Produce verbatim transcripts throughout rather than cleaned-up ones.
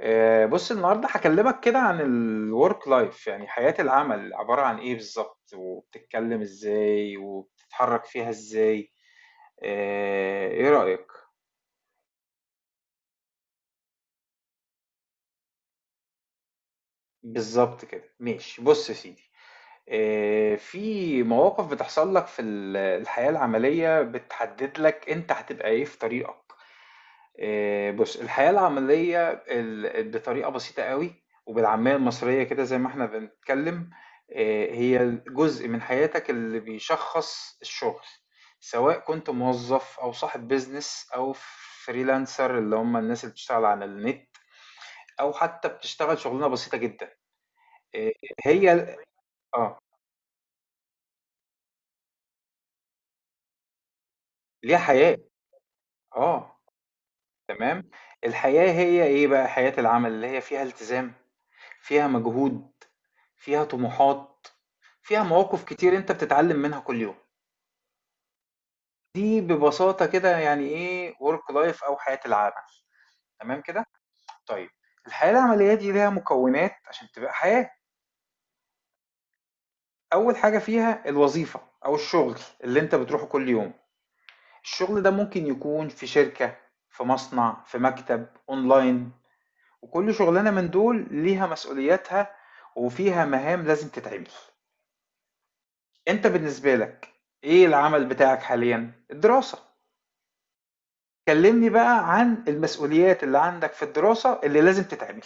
آه، بص النهارده هكلمك كده عن الورك لايف، يعني حياة العمل عبارة عن ايه بالظبط وبتتكلم ازاي وبتتحرك فيها ازاي؟ آه، ايه رأيك؟ بالظبط كده، ماشي، بص يا سيدي. آه، في مواقف بتحصل لك في ال- الحياة العملية بتحدد لك انت هتبقى ايه في طريقك. آآ بُص، الحياة العملية ال بطريقة بسيطة أوي، وبالعامية المصرية كده زي ما إحنا بنتكلّم، آآ هي الجزء من حياتك اللي بيشخّص الشغل، سواء كنت موظّف أو صاحب business أو freelancer اللي هم الناس اللي بتشتغل على النت، أو حتّى بتشتغل شُغلانة بسيطة جدًا. آآ هي ال آه، ليها حياة. آه، تمام، الحياة هي إيه بقى؟ حياة العمل اللي هي فيها التزام، فيها مجهود، فيها طموحات، فيها مواقف كتير أنت بتتعلم منها كل يوم. دي ببساطة كده يعني إيه work life أو حياة العمل. تمام كده؟ طيب، الحياة العملية دي ليها مكونات عشان تبقى حياة. أول حاجة فيها الوظيفة أو الشغل اللي أنت بتروحه كل يوم. الشغل ده ممكن يكون في شركة، في مصنع، في مكتب، أونلاين. وكل شغلانة من دول ليها مسؤولياتها وفيها مهام لازم تتعمل. انت بالنسبة لك ايه العمل بتاعك حاليا؟ الدراسة؟ كلمني بقى عن المسؤوليات اللي عندك في الدراسة اللي لازم تتعمل.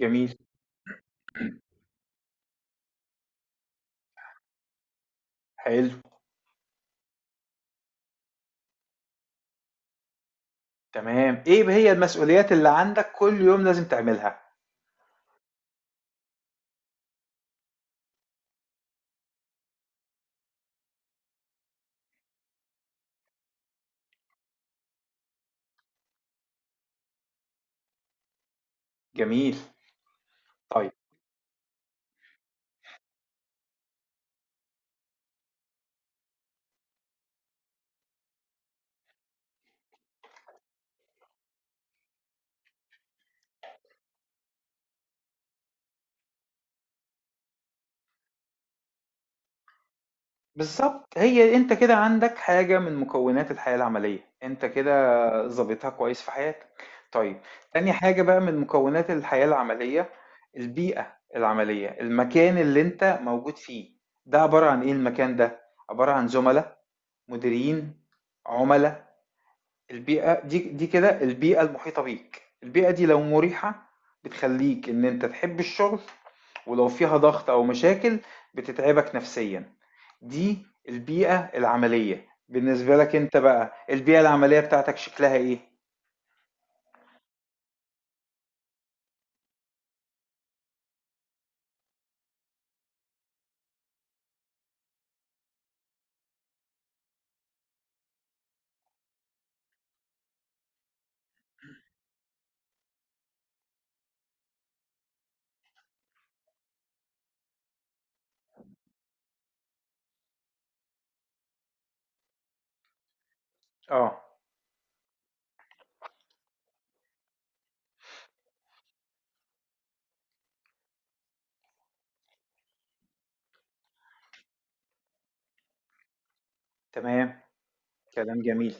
جميل. حلو. تمام، ايه هي المسؤوليات اللي عندك كل يوم لازم تعملها؟ جميل. طيب. بالضبط، هي أنت كده عندك حاجة من مكونات الحياة العملية، أنت كده ضابطها كويس في حياتك. طيب، تاني حاجة بقى من مكونات الحياة العملية، البيئة العملية، المكان اللي أنت موجود فيه، ده عبارة عن إيه المكان ده؟ عبارة عن زملا، مديرين، عُملا، البيئة دي دي كده البيئة المحيطة بيك. البيئة دي لو مريحة بتخليك ان انت تحب الشغل، ولو فيها ضغط او مشاكل بتتعبك نفسيا. دي البيئة العملية. بالنسبة لك انت بقى، البيئة العملية بتاعتك شكلها ايه؟ اه، تمام. كلام جميل.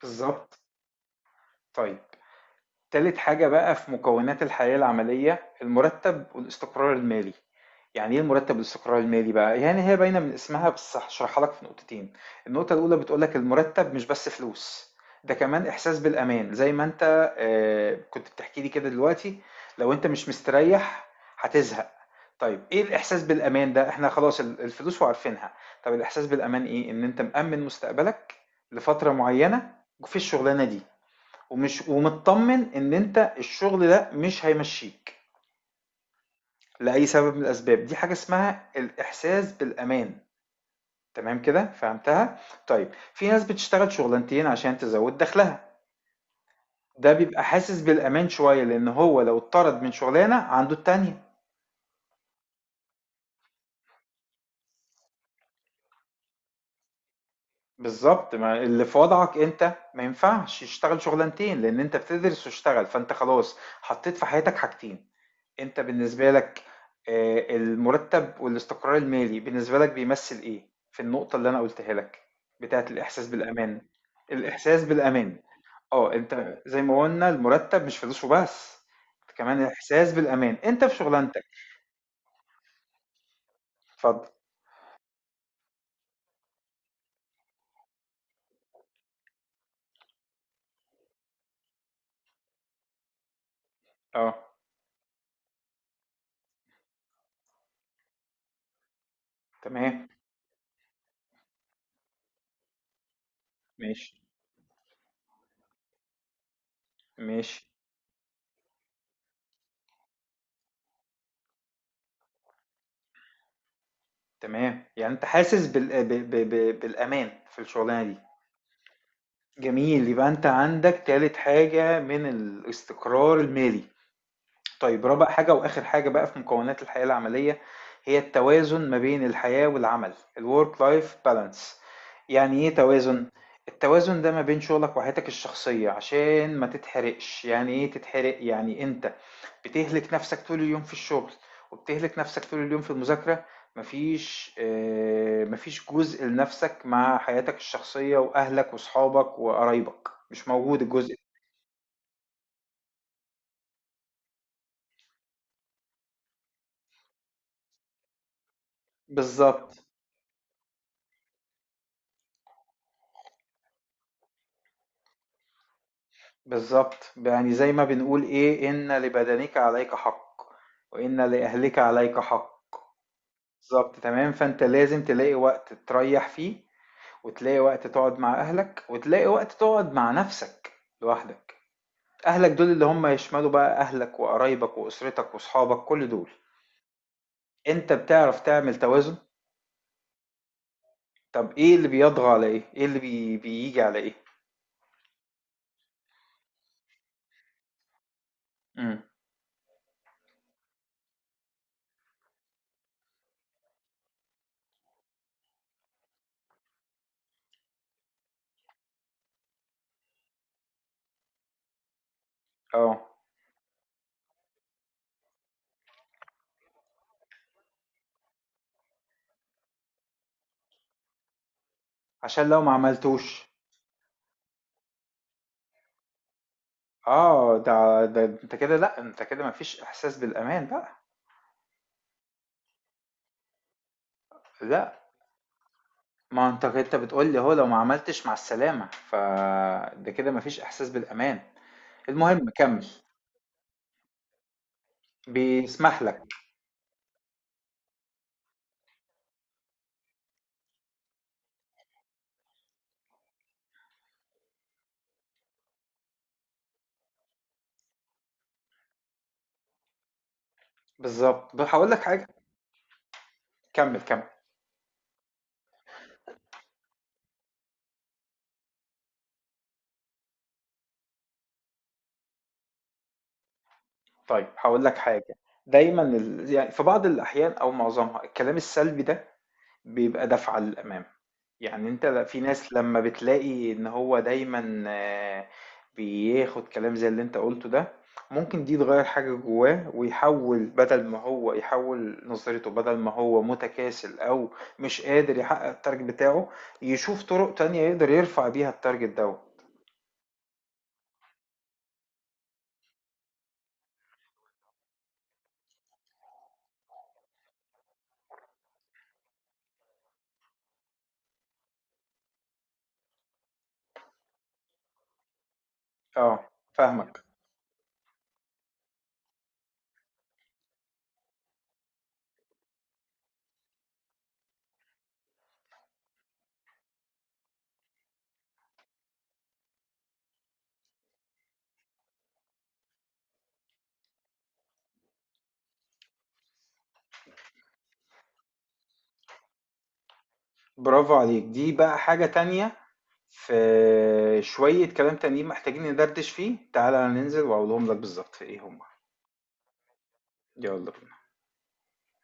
بالظبط. طيب، تالت حاجة بقى في مكونات الحياة العملية، المرتب والاستقرار المالي. يعني ايه المرتب والاستقرار المالي بقى؟ يعني هي باينة من اسمها، بس هشرحها لك في نقطتين. النقطة الأولى بتقولك المرتب مش بس فلوس، ده كمان إحساس بالأمان زي ما أنت آه، كنت بتحكي لي كده دلوقتي. لو أنت مش مستريح هتزهق. طيب، ايه الإحساس بالأمان ده؟ احنا خلاص ال- الفلوس وعارفينها. طب الإحساس بالأمان ايه؟ ان انت مأمن مستقبلك لفترة معينة في الشغلانة دي، ومش ومطمن ان انت الشغل ده مش هيمشيك لاي سبب من الاسباب. دي حاجه اسمها الاحساس بالامان. تمام كده، فهمتها؟ طيب، في ناس بتشتغل شغلانتين عشان تزود دخلها، ده بيبقى حاسس بالامان شويه لان هو لو اتطرد من شغلانه عنده التانية. بالظبط، ما اللي في وضعك انت ما ينفعش يشتغل شغلانتين لان انت بتدرس واشتغل، فانت خلاص حطيت في حياتك حاجتين. انت بالنسبة لك آه، المرتب والاستقرار المالي بالنسبة لك بيمثل ايه في النقطة اللي انا قلتها لك بتاعت الاحساس بالامان؟ الاحساس بالامان. اه، انت زي ما قلنا المرتب مش فلوس وبس، كمان الاحساس بالامان انت في شغلانتك. اتفضل. اه، تمام، ماشي ماشي. تمام، يعني أنت حاسس بال ب ب ب بالأمان في الشغلانة دي. جميل، يبقى أنت عندك تالت حاجة من الاستقرار المالي. طيب، رابع حاجة وآخر حاجة بقى في مكونات الحياة العملية هي التوازن ما بين الحياة والعمل، الورك لايف بالانس. يعني ايه توازن؟ التوازن ده ما بين شغلك وحياتك الشخصية، عشان ما تتحرقش. يعني ايه تتحرق؟ يعني انت بتهلك نفسك طول اليوم في الشغل، وبتهلك نفسك طول اليوم في المذاكرة، مفيش آه، مفيش جزء لنفسك مع حياتك الشخصية وأهلك وصحابك وقرايبك، مش موجود الجزء. بالظبط. بالظبط، يعني زي ما بنقول ايه ان لبدنك عليك حق، وان لاهلك عليك حق. بالظبط، تمام، فانت لازم تلاقي وقت تريح فيه، وتلاقي وقت تقعد مع اهلك، وتلاقي وقت تقعد مع نفسك لوحدك. اهلك دول اللي هم يشملوا بقى اهلك وقرايبك واسرتك واصحابك، كل دول. انت بتعرف تعمل توازن؟ طب ايه اللي بيطغى على ايه؟ ايه اللي بي... بيجي على ايه؟ امم، اه، عشان لو ما عملتوش. اه، ده ده انت كده، لا انت كده مفيش احساس بالامان بقى. لا، ما انت انت بتقول لي هو لو ما عملتش مع السلامة فده كده مفيش احساس بالامان. المهم كمل. بيسمح لك. بالظبط. هقول لك حاجة. كمل كمل. طيب، هقول لك حاجة. دايما ال... يعني في بعض الاحيان او معظمها الكلام السلبي ده بيبقى دفعة للأمام. يعني أنت ل في ناس لمّا بتلاقي إن هو دايمًا آآ، بياخد كلام زي اللي أنت قُلته ده، ممكن دي تغيّر حاجة جواه ويحوّل، بدل ما هو يحوّل نظرته، بدل ما هو متكاسل أو مش قادر يحقق الtarget بتاعه، يشوف طرق تانية يقدر يرفع بيها الtarget دوّة. آه، فاهمك. برافو عليك، دي بقى حاجة تانية. في شوية كلام تانيين محتاجين ندردش فيه، تعالَ ننزل وأقولهم لك بالضبط إيه هُم. يالّا بينا.